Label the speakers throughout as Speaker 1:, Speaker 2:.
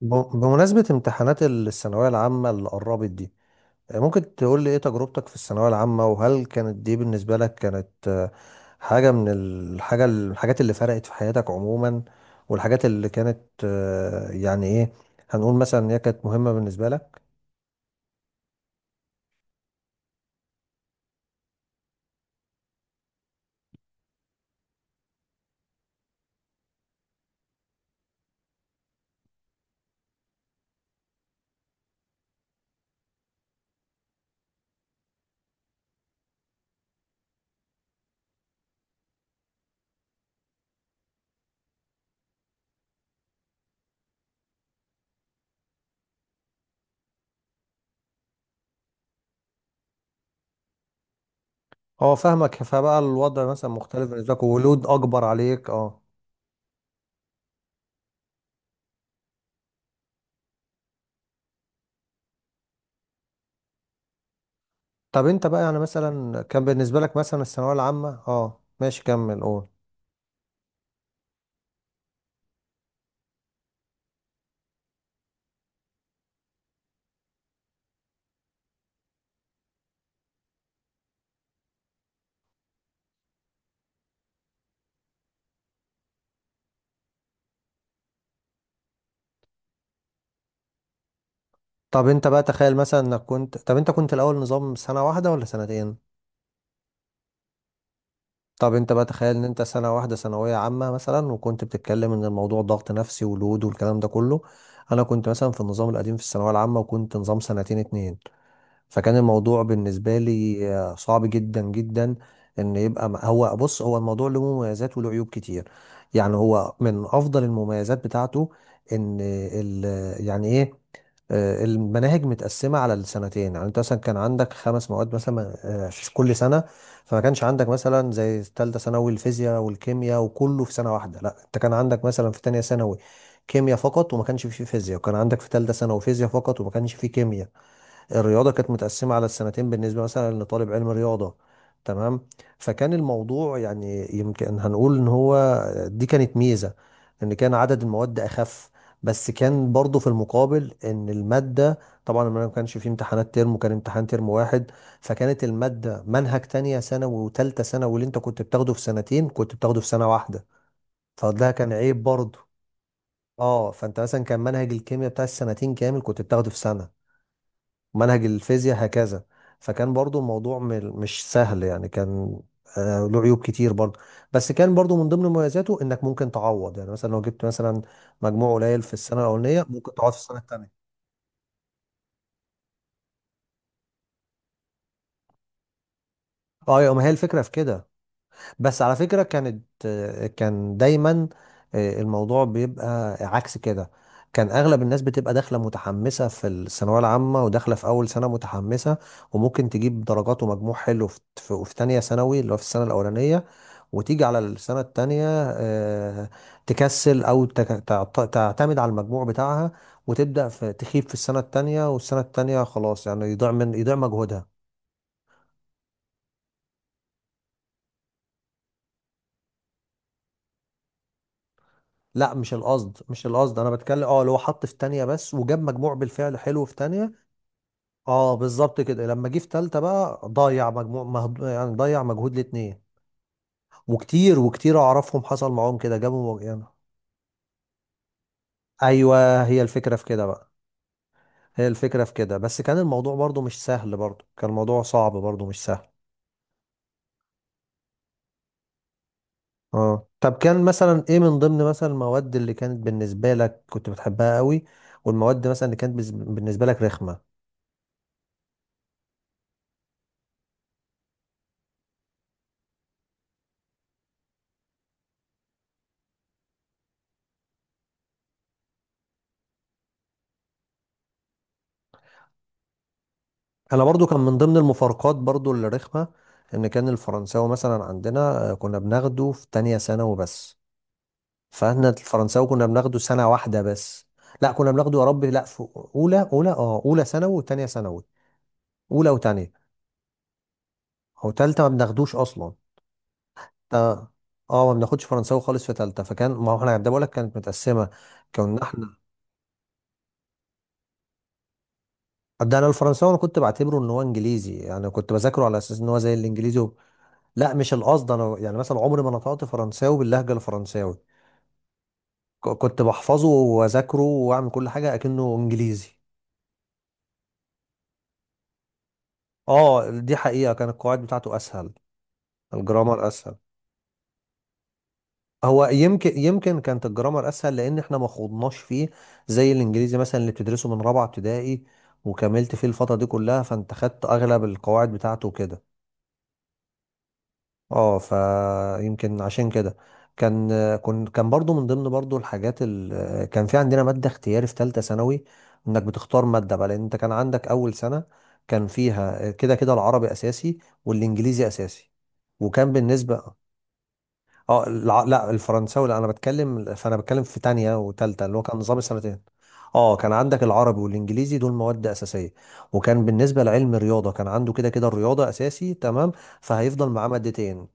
Speaker 1: بمناسبة امتحانات الثانوية العامة اللي قربت دي، ممكن تقول لي ايه تجربتك في الثانوية العامة؟ وهل كانت دي بالنسبة لك كانت حاجة من الحاجات اللي فرقت في حياتك عموما، والحاجات اللي كانت، يعني ايه، هنقول مثلا ان هي كانت مهمة بالنسبة لك؟ اه، فاهمك. فبقى الوضع مثلا مختلف بالنسبة لك ولود اكبر عليك، اه. طب انت بقى يعني مثلا كان بالنسبة لك مثلا الثانوية العامة، اه ماشي كمل قول. طب انت بقى تخيل مثلا انك كنت طب انت كنت الاول نظام سنة واحدة ولا سنتين؟ طب انت بقى تخيل ان انت سنة واحدة ثانوية عامة مثلا، وكنت بتتكلم ان الموضوع ضغط نفسي ولود والكلام ده كله. انا كنت مثلا في النظام القديم في الثانوية العامة وكنت نظام سنتين اتنين، فكان الموضوع بالنسبة لي صعب جدا جدا. ان يبقى هو بص، هو الموضوع له مميزات وله عيوب كتير. يعني هو من افضل المميزات بتاعته ان يعني ايه، المناهج متقسمة على السنتين. يعني انت مثلا كان عندك خمس مواد مثلا في كل سنة. فما كانش عندك مثلا زي تالتة ثانوي الفيزياء والكيمياء وكله في سنة واحدة، لا، انت كان عندك مثلا في تانية ثانوي كيمياء فقط وما كانش فيه فيزياء، وكان عندك في تالتة ثانوي فيزياء فقط وما كانش فيه كيمياء. الرياضة كانت متقسمة على السنتين بالنسبة مثلا لطالب علم رياضة، تمام. فكان الموضوع يعني يمكن هنقول ان هو دي كانت ميزة، ان كان عدد المواد اخف، بس كان برضو في المقابل ان المادة، طبعا ما كانش فيه امتحانات ترم وكان امتحان ترم واحد. فكانت المادة منهج تانية ثانوي وتالتة ثانوي، واللي انت كنت بتاخده في سنتين كنت بتاخده في سنة واحدة، فده كان عيب برضو. اه، فانت مثلا كان منهج الكيمياء بتاع السنتين كامل كنت بتاخده في سنة، منهج الفيزياء هكذا. فكان برضو الموضوع مش سهل يعني، كان له عيوب كتير برضو. بس كان برضو من ضمن مميزاته انك ممكن تعوض، يعني مثلا لو جبت مثلا مجموع قليل في السنه الاولانيه ممكن تعوض في السنه الثانيه. اه، يا ما هي الفكره في كده. بس على فكرة، كان دايما الموضوع بيبقى عكس كده. كان اغلب الناس بتبقى داخله متحمسه في الثانويه العامه وداخله في اول سنه متحمسه، وممكن تجيب درجات ومجموع حلو في تانية ثانوي اللي هو في السنه الاولانيه، وتيجي على السنه التانية آه، تكسل او تعتمد على المجموع بتاعها، وتبدا في تخيب في السنه التانية، والسنه التانية خلاص، يعني يضيع مجهودها. لا، مش القصد، انا بتكلم اه اللي هو حط في تانية بس وجاب مجموع بالفعل حلو في تانية، اه بالظبط كده. لما جه في تالتة بقى ضيع يعني ضيع مجهود الاتنين. وكتير وكتير اعرفهم حصل معاهم كده، جابوا يعني. ايوه، هي الفكرة في كده بقى، هي الفكرة في كده، بس كان الموضوع برضو مش سهل، برضو كان الموضوع صعب برضو مش سهل. اه، طب كان مثلا ايه من ضمن مثلا المواد اللي كانت بالنسبة لك كنت بتحبها قوي، والمواد مثلا اللي كانت بالنسبة لك رخمة؟ انا برضو كان من ضمن المفارقات برضو اللي رخمه، ان كان الفرنساوي مثلا عندنا كنا بناخده في تانية ثانوي بس. فاحنا الفرنساوي كنا بناخده سنه واحده بس. لا، كنا بناخده يا رب لا في اولى، اه اولى ثانوي وتانية ثانوي، اولى وتانية. او تالتة ما بناخدوش اصلا. تا- اه، ما بناخدش فرنساوي خالص في تالتة. فكان ما هو احنا ده بقول لك كانت متقسمه. كنا احنا ده. انا الفرنساوي، انا كنت بعتبره ان هو انجليزي، يعني كنت بذاكره على اساس ان هو زي الانجليزي. لا، مش القصد انا، يعني مثلا عمري ما نطقت فرنساوي باللهجه الفرنساوي، كنت بحفظه واذاكره واعمل كل حاجه اكنه انجليزي. اه دي حقيقه، كان القواعد بتاعته اسهل، الجرامر اسهل. هو يمكن، كانت الجرامر اسهل لان احنا ما خوضناش فيه زي الانجليزي مثلا اللي بتدرسه من رابعه ابتدائي وكملت فيه الفتره دي كلها، فانت خدت اغلب القواعد بتاعته كده. اه، فيمكن عشان كده كان، كان برضو من ضمن برضو الحاجات، كان في عندنا مادة اختياري في ثالثة ثانوي، انك بتختار مادة بقى، لان انت كان عندك اول سنة كان فيها كده كده العربي اساسي والانجليزي اساسي، وكان بالنسبة، لا الفرنساوي، لا انا بتكلم فانا بتكلم في تانية وتالتة اللي هو كان نظام السنتين. اه، كان عندك العربي والانجليزي، دول مواد اساسيه، وكان بالنسبه لعلم الرياضه كان عنده كده كده الرياضه اساسي، تمام، فهيفضل معاه مادتين.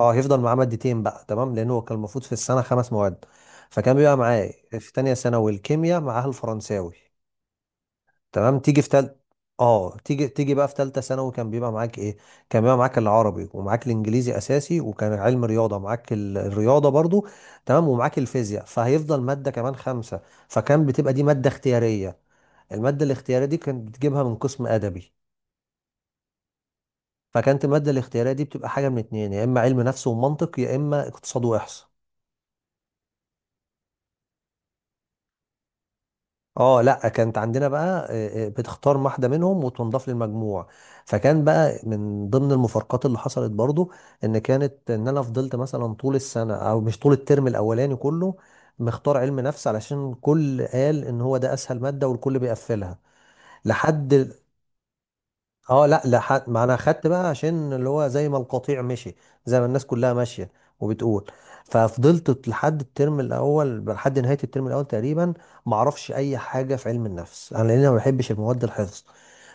Speaker 1: اه، هيفضل معاه مادتين بقى، تمام، لان هو كان المفروض في السنه خمس مواد، فكان بيبقى معاه في تانية ثانوي الكيمياء، معاه الفرنساوي، تمام. تيجي في تل اه، تيجي بقى في تالتة ثانوي كان بيبقى معاك ايه؟ كان بيبقى معاك العربي، ومعاك الانجليزي اساسي، وكان علم رياضه معاك الرياضه برضو، تمام، ومعاك الفيزياء، فهيفضل ماده كمان خمسه، فكان بتبقى دي ماده اختياريه. الماده الاختياريه دي كانت بتجيبها من قسم ادبي. فكانت الماده الاختياريه دي بتبقى حاجه من اتنين، يا اما علم نفس ومنطق، يا اما اقتصاد واحصاء. اه لا، كانت عندنا بقى بتختار واحده منهم وتنضاف للمجموع. فكان بقى من ضمن المفارقات اللي حصلت برضو ان كانت، ان انا فضلت مثلا طول السنه، او مش طول الترم الاولاني كله، مختار علم نفس علشان كل قال ان هو ده اسهل ماده والكل بيقفلها لحد، اه لا، لحد ما انا خدت بقى، عشان اللي هو زي ما القطيع مشي، زي ما الناس كلها ماشيه وبتقول، ففضلت لحد الترم الاول، لحد نهايه الترم الاول تقريبا ما اعرفش اي حاجه في علم النفس انا، لان أنا ما بحبش المواد الحفظ.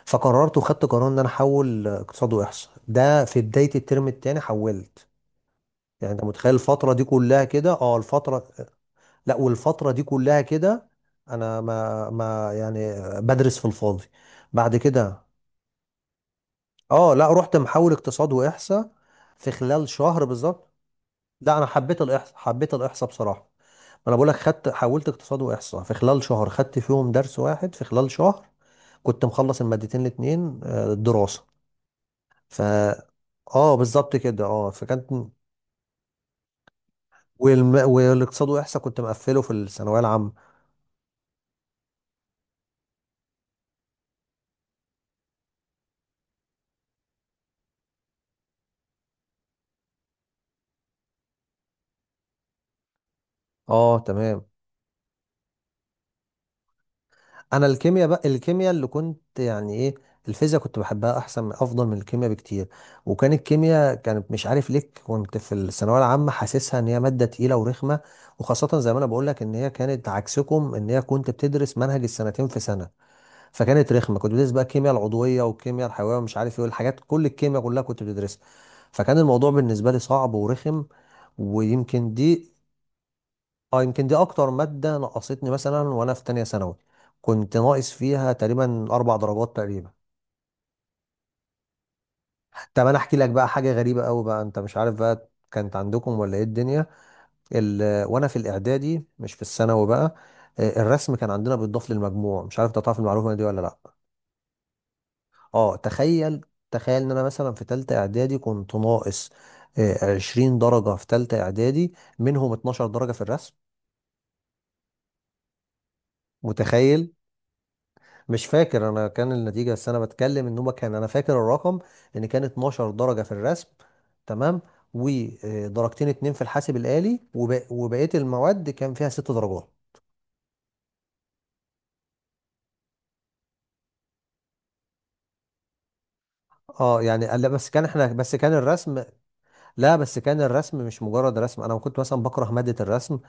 Speaker 1: فقررت وخدت قرار ان انا احول اقتصاد واحصاء، ده في بدايه الترم الثاني حولت. يعني انت متخيل الفتره دي كلها كده، اه الفتره، لا والفتره دي كلها كده انا ما يعني بدرس في الفاضي. بعد كده اه لا، رحت محول اقتصاد واحصاء في خلال شهر بالظبط. لا، انا حبيت الاحصاء، حبيت الاحصاء بصراحه. ما انا بقول لك، حولت اقتصاد واحصاء في خلال شهر، خدت فيهم درس واحد في خلال شهر، كنت مخلص المادتين الاتنين دراسه. ف اه بالظبط كده. اه، فكانت، والاقتصاد واحصاء كنت مقفله في الثانويه العامه. اه تمام. انا الكيمياء بقى، الكيمياء اللي كنت يعني ايه، الفيزياء كنت بحبها احسن من الكيمياء بكتير. وكان الكيمياء كانت مش عارف ليه كنت في الثانويه العامه حاسسها ان هي ماده تقيله ورخمه، وخاصه زي ما انا بقول لك ان هي كانت عكسكم، ان هي كنت بتدرس منهج السنتين في سنه. فكانت رخمه، كنت بتدرس بقى الكيمياء العضويه والكيمياء الحيويه ومش عارف ايه والحاجات، كل الكيمياء كلها كنت بتدرسها، فكان الموضوع بالنسبه لي صعب ورخم. ويمكن دي، اه يمكن دي اكتر ماده نقصتني مثلا وانا في تانية ثانوي، كنت ناقص فيها تقريبا 4 درجات تقريبا. طب انا احكي لك بقى حاجه غريبه قوي بقى، انت مش عارف بقى كانت عندكم ولا ايه الدنيا، وانا في الاعدادي مش في الثانوي بقى، الرسم كان عندنا بيتضاف للمجموع، مش عارف انت تعرف المعلومه دي ولا لا. اه تخيل، تخيل ان انا مثلا في تالتة اعدادي كنت ناقص 20 درجه في تالتة اعدادي، منهم 12 درجه في الرسم، متخيل؟ مش فاكر انا كان النتيجه، بس انا بتكلم ان هو كان انا فاكر الرقم ان كان 12 درجه في الرسم، تمام، ودرجتين اتنين في الحاسب الآلي، وبقيه المواد كان فيها 6 درجات. اه يعني لا، بس كان احنا بس كان الرسم، لا بس كان الرسم مش مجرد رسم، انا كنت مثلا بكره ماده الرسم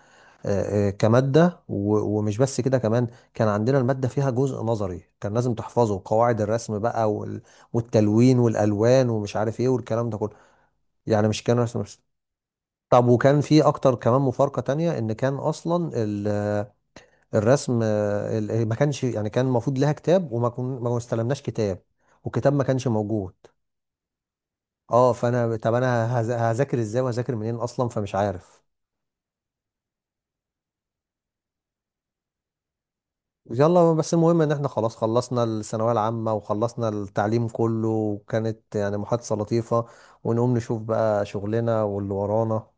Speaker 1: كماده، ومش بس كده، كمان كان عندنا الماده فيها جزء نظري كان لازم تحفظه، قواعد الرسم بقى والتلوين والالوان ومش عارف ايه والكلام ده كله. يعني مش كان رسم بس. طب وكان في اكتر كمان مفارقة تانية، ان كان اصلا الرسم ما كانش، يعني كان المفروض لها كتاب، وما كن ما استلمناش كتاب، والكتاب ما كانش موجود. اه فانا، طب انا هذاكر ازاي وهذاكر منين اصلا؟ فمش عارف. يلا، بس المهم ان احنا خلاص خلصنا الثانوية العامة وخلصنا التعليم كله، وكانت يعني محادثة لطيفة، ونقوم نشوف بقى شغلنا واللي ورانا.